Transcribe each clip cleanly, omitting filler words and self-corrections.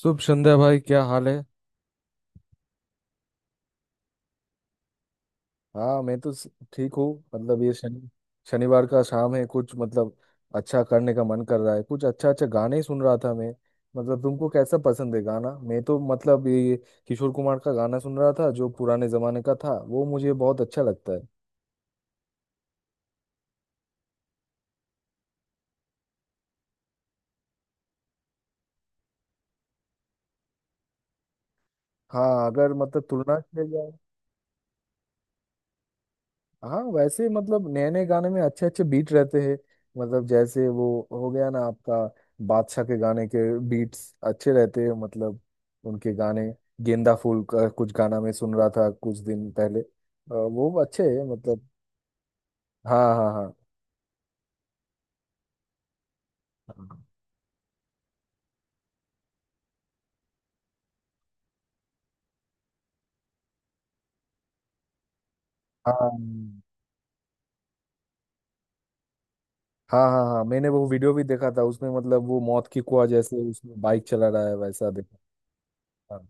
शुभ संध्या भाई, क्या हाल है। हाँ, मैं तो ठीक हूँ। मतलब ये शनिवार का शाम है, कुछ मतलब अच्छा करने का मन कर रहा है। कुछ अच्छा अच्छा गाने ही सुन रहा था मैं। मतलब तुमको कैसा पसंद है गाना? मैं तो मतलब ये किशोर कुमार का गाना सुन रहा था, जो पुराने जमाने का था, वो मुझे बहुत अच्छा लगता है। हाँ, अगर मतलब तुलना किया जाए। हाँ, वैसे मतलब नए नए गाने में अच्छे अच्छे बीट रहते हैं। मतलब जैसे वो हो गया ना आपका, बादशाह के गाने के बीट्स अच्छे रहते हैं। मतलब उनके गाने, गेंदा फूल का कुछ गाना मैं सुन रहा था कुछ दिन पहले। वो अच्छे हैं मतलब। हाँ, हाँ, हाँ। हाँ, हाँ, हाँ। हाँ, मैंने वो वीडियो भी देखा था, उसमें मतलब वो मौत की कुआ जैसे उसमें बाइक चला रहा है, वैसा देखा। हाँ।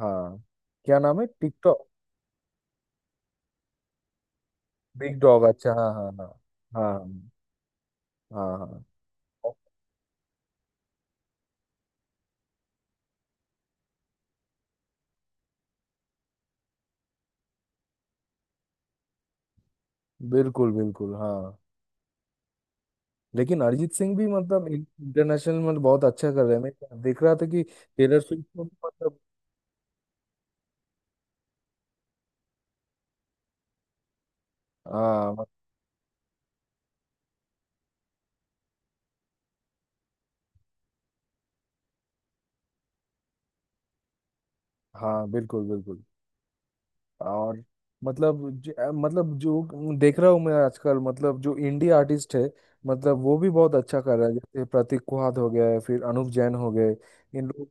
हाँ, क्या नाम है टिकटॉक? बिग डॉग, अच्छा, हाँ, हाँ, हाँ। हाँ। हाँ, हाँ। बिल्कुल, बिल्कुल, हाँ। लेकिन अरिजीत सिंह भी मतलब इंटरनेशनल में मतलब बहुत अच्छा कर रहे हैं, मैं देख रहा था कि टेलर स्विफ्ट को भी मतलब। हाँ हाँ, बिल्कुल, बिल्कुल। और मतलब मतलब जो देख रहा हूँ मैं आजकल, मतलब जो इंडिया आर्टिस्ट है, मतलब वो भी बहुत अच्छा कर रहा है। जैसे प्रतीक कुहाद हो गया है, फिर अनूप जैन हो गए, इन लोगों।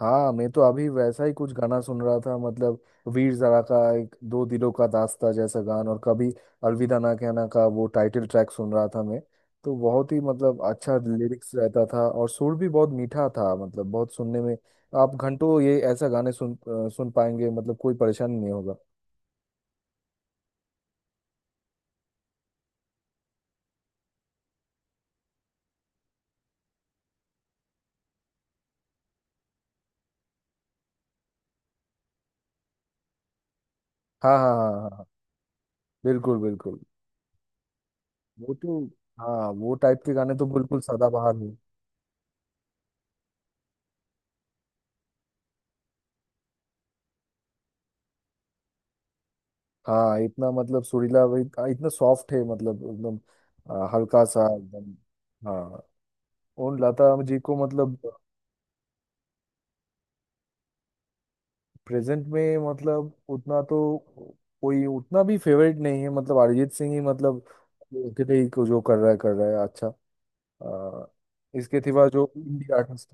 हाँ, मैं तो अभी वैसा ही कुछ गाना सुन रहा था मतलब, वीर ज़ारा का एक दो दिलों का दास्ता जैसा गान, और कभी अलविदा ना कहना का वो टाइटल ट्रैक सुन रहा था मैं। तो बहुत ही मतलब अच्छा लिरिक्स रहता था, और सुर भी बहुत मीठा था, मतलब बहुत सुनने में। आप घंटों ये ऐसा गाने सुन पाएंगे, मतलब कोई परेशानी नहीं होगा। हाँ, हाँ, हाँ, हाँ, हाँ, बिल्कुल, बिल्कुल। वो तो, हाँ, वो टाइप के गाने तो बिल्कुल सदाबहार है। हाँ, इतना मतलब इतना सॉफ्ट है, मतलब एकदम। हल्का सा एकदम। हाँ, और लता जी को मतलब, प्रेजेंट में मतलब उतना तो कोई उतना भी फेवरेट नहीं है। मतलब अरिजीत सिंह ही मतलब, उनके ही को जो कर रहा है अच्छा। आ, इसके सिवा जो इंडी आर्टिस्ट।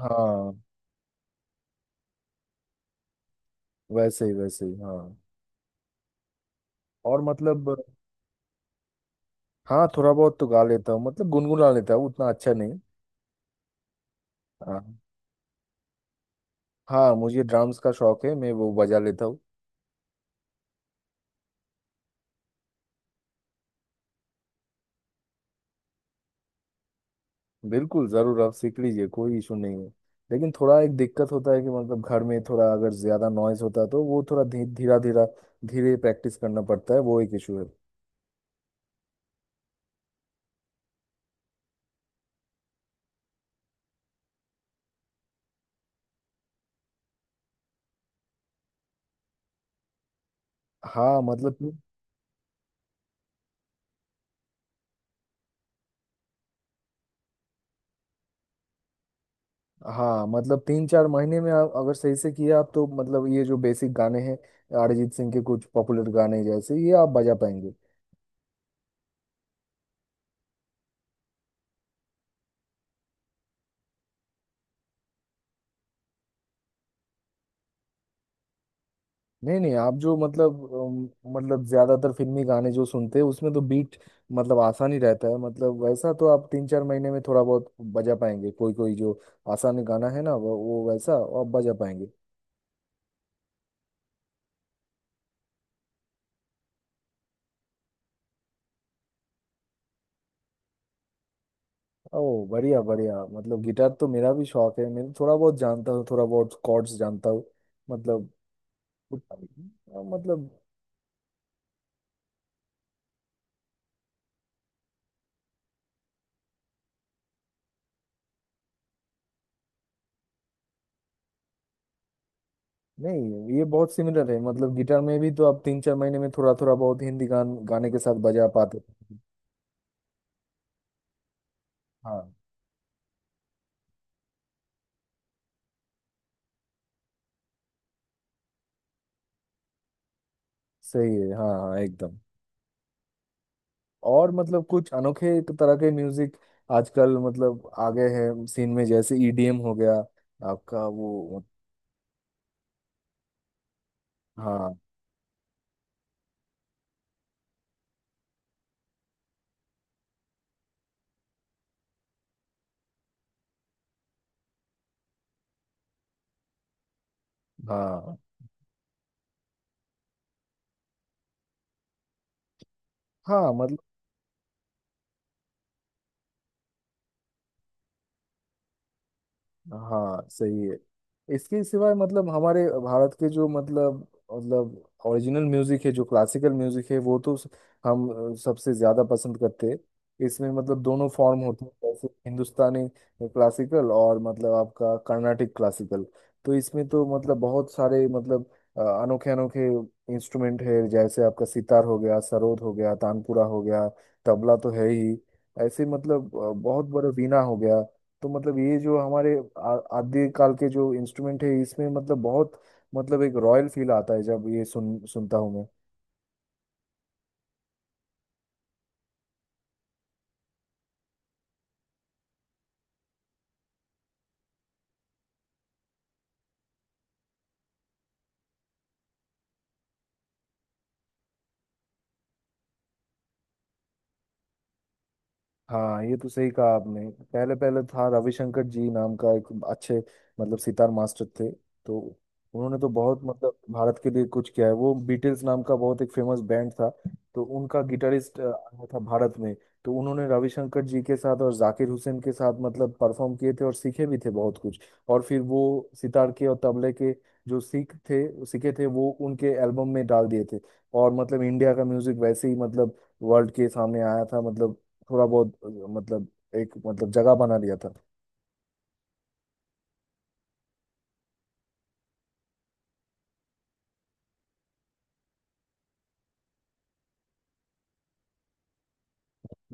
हाँ, वैसे ही वैसे ही, हाँ। और मतलब, हाँ, थोड़ा बहुत तो गा लेता हूँ मतलब, गुनगुना लेता हूँ, उतना अच्छा नहीं। हाँ। हाँ, मुझे ड्राम्स का शौक है, मैं वो बजा लेता हूँ। बिल्कुल, जरूर आप सीख लीजिए, कोई इशू नहीं है। लेकिन थोड़ा एक दिक्कत होता है कि मतलब घर में थोड़ा अगर ज्यादा नॉइज होता है तो वो थोड़ा धी, धीरा धीरा धीरे प्रैक्टिस करना पड़ता है, वो एक इशू है। हाँ मतलब हाँ मतलब तीन चार महीने में आप अगर सही से किया आप, तो मतलब ये जो बेसिक गाने हैं, अरिजीत सिंह के कुछ पॉपुलर गाने, जैसे ये आप बजा पाएंगे। नहीं नहीं, आप जो मतलब मतलब ज्यादातर फिल्मी गाने जो सुनते हैं, उसमें तो बीट मतलब आसान ही रहता है। मतलब वैसा तो आप तीन चार महीने में थोड़ा बहुत बजा पाएंगे। कोई कोई जो आसान गाना है ना, वो वैसा आप बजा पाएंगे। ओ, बढ़िया, बढ़िया। मतलब गिटार तो मेरा भी शौक है, मैं थोड़ा बहुत जानता हूँ, थोड़ा बहुत कॉर्ड्स जानता हूँ, मतलब। मतलब, नहीं ये बहुत सिमिलर है, मतलब गिटार में भी तो आप तीन चार महीने में थोड़ा थोड़ा बहुत हिंदी गान गाने के साथ बजा पाते हैं। हाँ, सही है, हाँ, हाँ, एकदम। और मतलब कुछ अनोखे तरह के म्यूजिक आजकल मतलब आ गए हैं सीन में, जैसे ईडीएम हो गया आपका वो। हाँ। हाँ, हाँ मतलब। हाँ, सही है। इसके सिवाय मतलब हमारे भारत के जो मतलब, मतलब ओरिजिनल म्यूजिक है, जो क्लासिकल म्यूजिक है, वो तो हम सबसे ज्यादा पसंद करते हैं। इसमें मतलब दोनों फॉर्म होते हैं, जैसे हिंदुस्तानी क्लासिकल और मतलब आपका कर्नाटिक क्लासिकल। तो इसमें तो मतलब बहुत सारे मतलब अनोखे अनोखे इंस्ट्रूमेंट है। जैसे आपका सितार हो गया, सरोद हो गया, तानपुरा हो गया, तबला तो है ही, ऐसे मतलब, बहुत बड़ा वीणा हो गया। तो मतलब ये जो हमारे आदि काल के जो इंस्ट्रूमेंट है, इसमें मतलब बहुत मतलब एक रॉयल फील आता है जब ये सुनता हूँ मैं। हाँ, ये तो सही कहा आपने। पहले पहले था रविशंकर जी नाम का, एक अच्छे मतलब सितार मास्टर थे। तो उन्होंने तो बहुत मतलब भारत के लिए कुछ किया है। वो बीटल्स नाम का बहुत एक फेमस बैंड था, तो उनका गिटारिस्ट आया था भारत में। तो उन्होंने रविशंकर जी के साथ और जाकिर हुसैन के साथ मतलब परफॉर्म किए थे, और सीखे भी थे बहुत कुछ। और फिर वो सितार के और तबले के जो सीखे थे, वो उनके एल्बम में डाल दिए थे। और मतलब इंडिया का म्यूजिक वैसे ही मतलब वर्ल्ड के सामने आया था। मतलब थोड़ा बहुत मतलब एक मतलब जगह बना लिया था।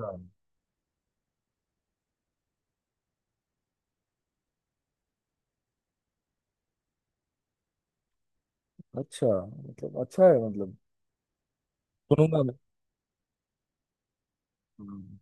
हाँ। अच्छा, मतलब अच्छा है मतलब, सुनूंगा मैं। हम्म।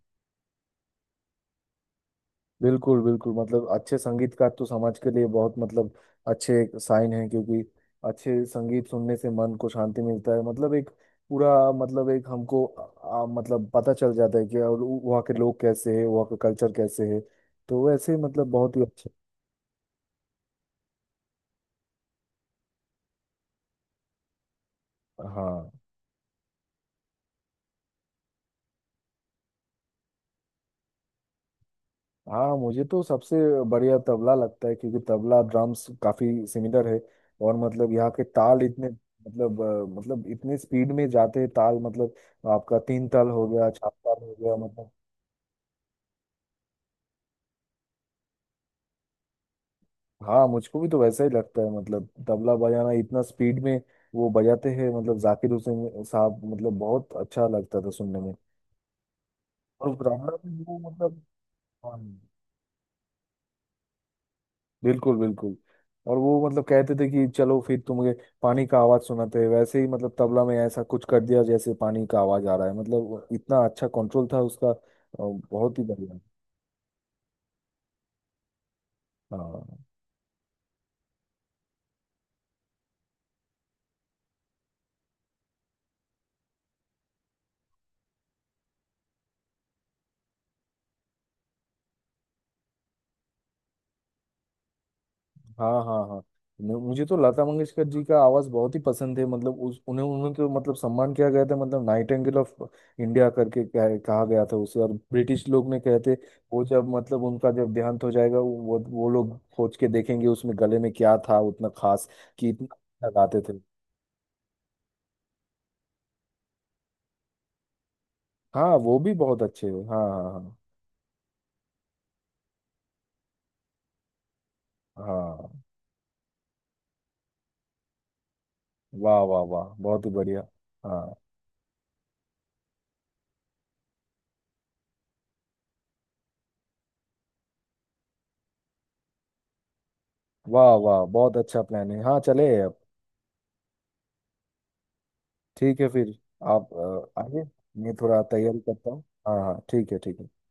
बिल्कुल, बिल्कुल। मतलब अच्छे संगीतकार तो समाज के लिए बहुत मतलब अच्छे साइन है, क्योंकि अच्छे संगीत सुनने से मन को शांति मिलता है। मतलब एक पूरा मतलब एक हमको मतलब पता चल जाता है कि और वहाँ के लोग कैसे हैं, वहाँ का कल्चर कैसे है। तो वैसे ही मतलब बहुत ही अच्छा। हाँ। हाँ, मुझे तो सबसे बढ़िया तबला लगता है, क्योंकि तबला ड्रम्स काफी सिमिलर है। और मतलब यहाँ के ताल इतने मतलब मतलब इतने स्पीड में जाते हैं ताल, मतलब आपका तीन ताल हो गया, चार ताल हो गया मतलब। हाँ, मुझको भी तो वैसा ही लगता है। मतलब तबला बजाना इतना स्पीड में वो बजाते हैं मतलब जाकिर हुसैन साहब, मतलब बहुत अच्छा लगता था सुनने में। और रामराव भी वो मतलब। हाँ, बिल्कुल, बिल्कुल। और वो मतलब कहते थे कि चलो फिर तुम्हें पानी का आवाज सुनाते हैं, वैसे ही मतलब तबला में ऐसा कुछ कर दिया जैसे पानी का आवाज आ रहा है, मतलब इतना अच्छा कंट्रोल था उसका। बहुत ही बढ़िया। हाँ, हाँ, हाँ। हाँ, मुझे तो लता मंगेशकर जी का आवाज बहुत ही पसंद है। मतलब उस उन्हें उन्हें तो मतलब सम्मान किया गया था, मतलब नाइटिंगेल ऑफ इंडिया करके कहा गया था उसे। और ब्रिटिश लोग ने कहते, वो जब मतलब उनका जब देहांत हो जाएगा, वो लोग खोज के देखेंगे उसमें गले में क्या था उतना खास कि इतना अच्छा गाते थे। हाँ। वो भी बहुत अच्छे हैं, हाँ, हाँ। हाँ, हाँ। वाह, वाह, वाह, बहुत ही बढ़िया। हाँ। वाह, वाह, बहुत अच्छा प्लान है, हाँ, चले अब। ठीक है फिर, आप आइए। मैं थोड़ा तैयारी करता हूँ। हाँ, हाँ, ठीक है, ठीक है।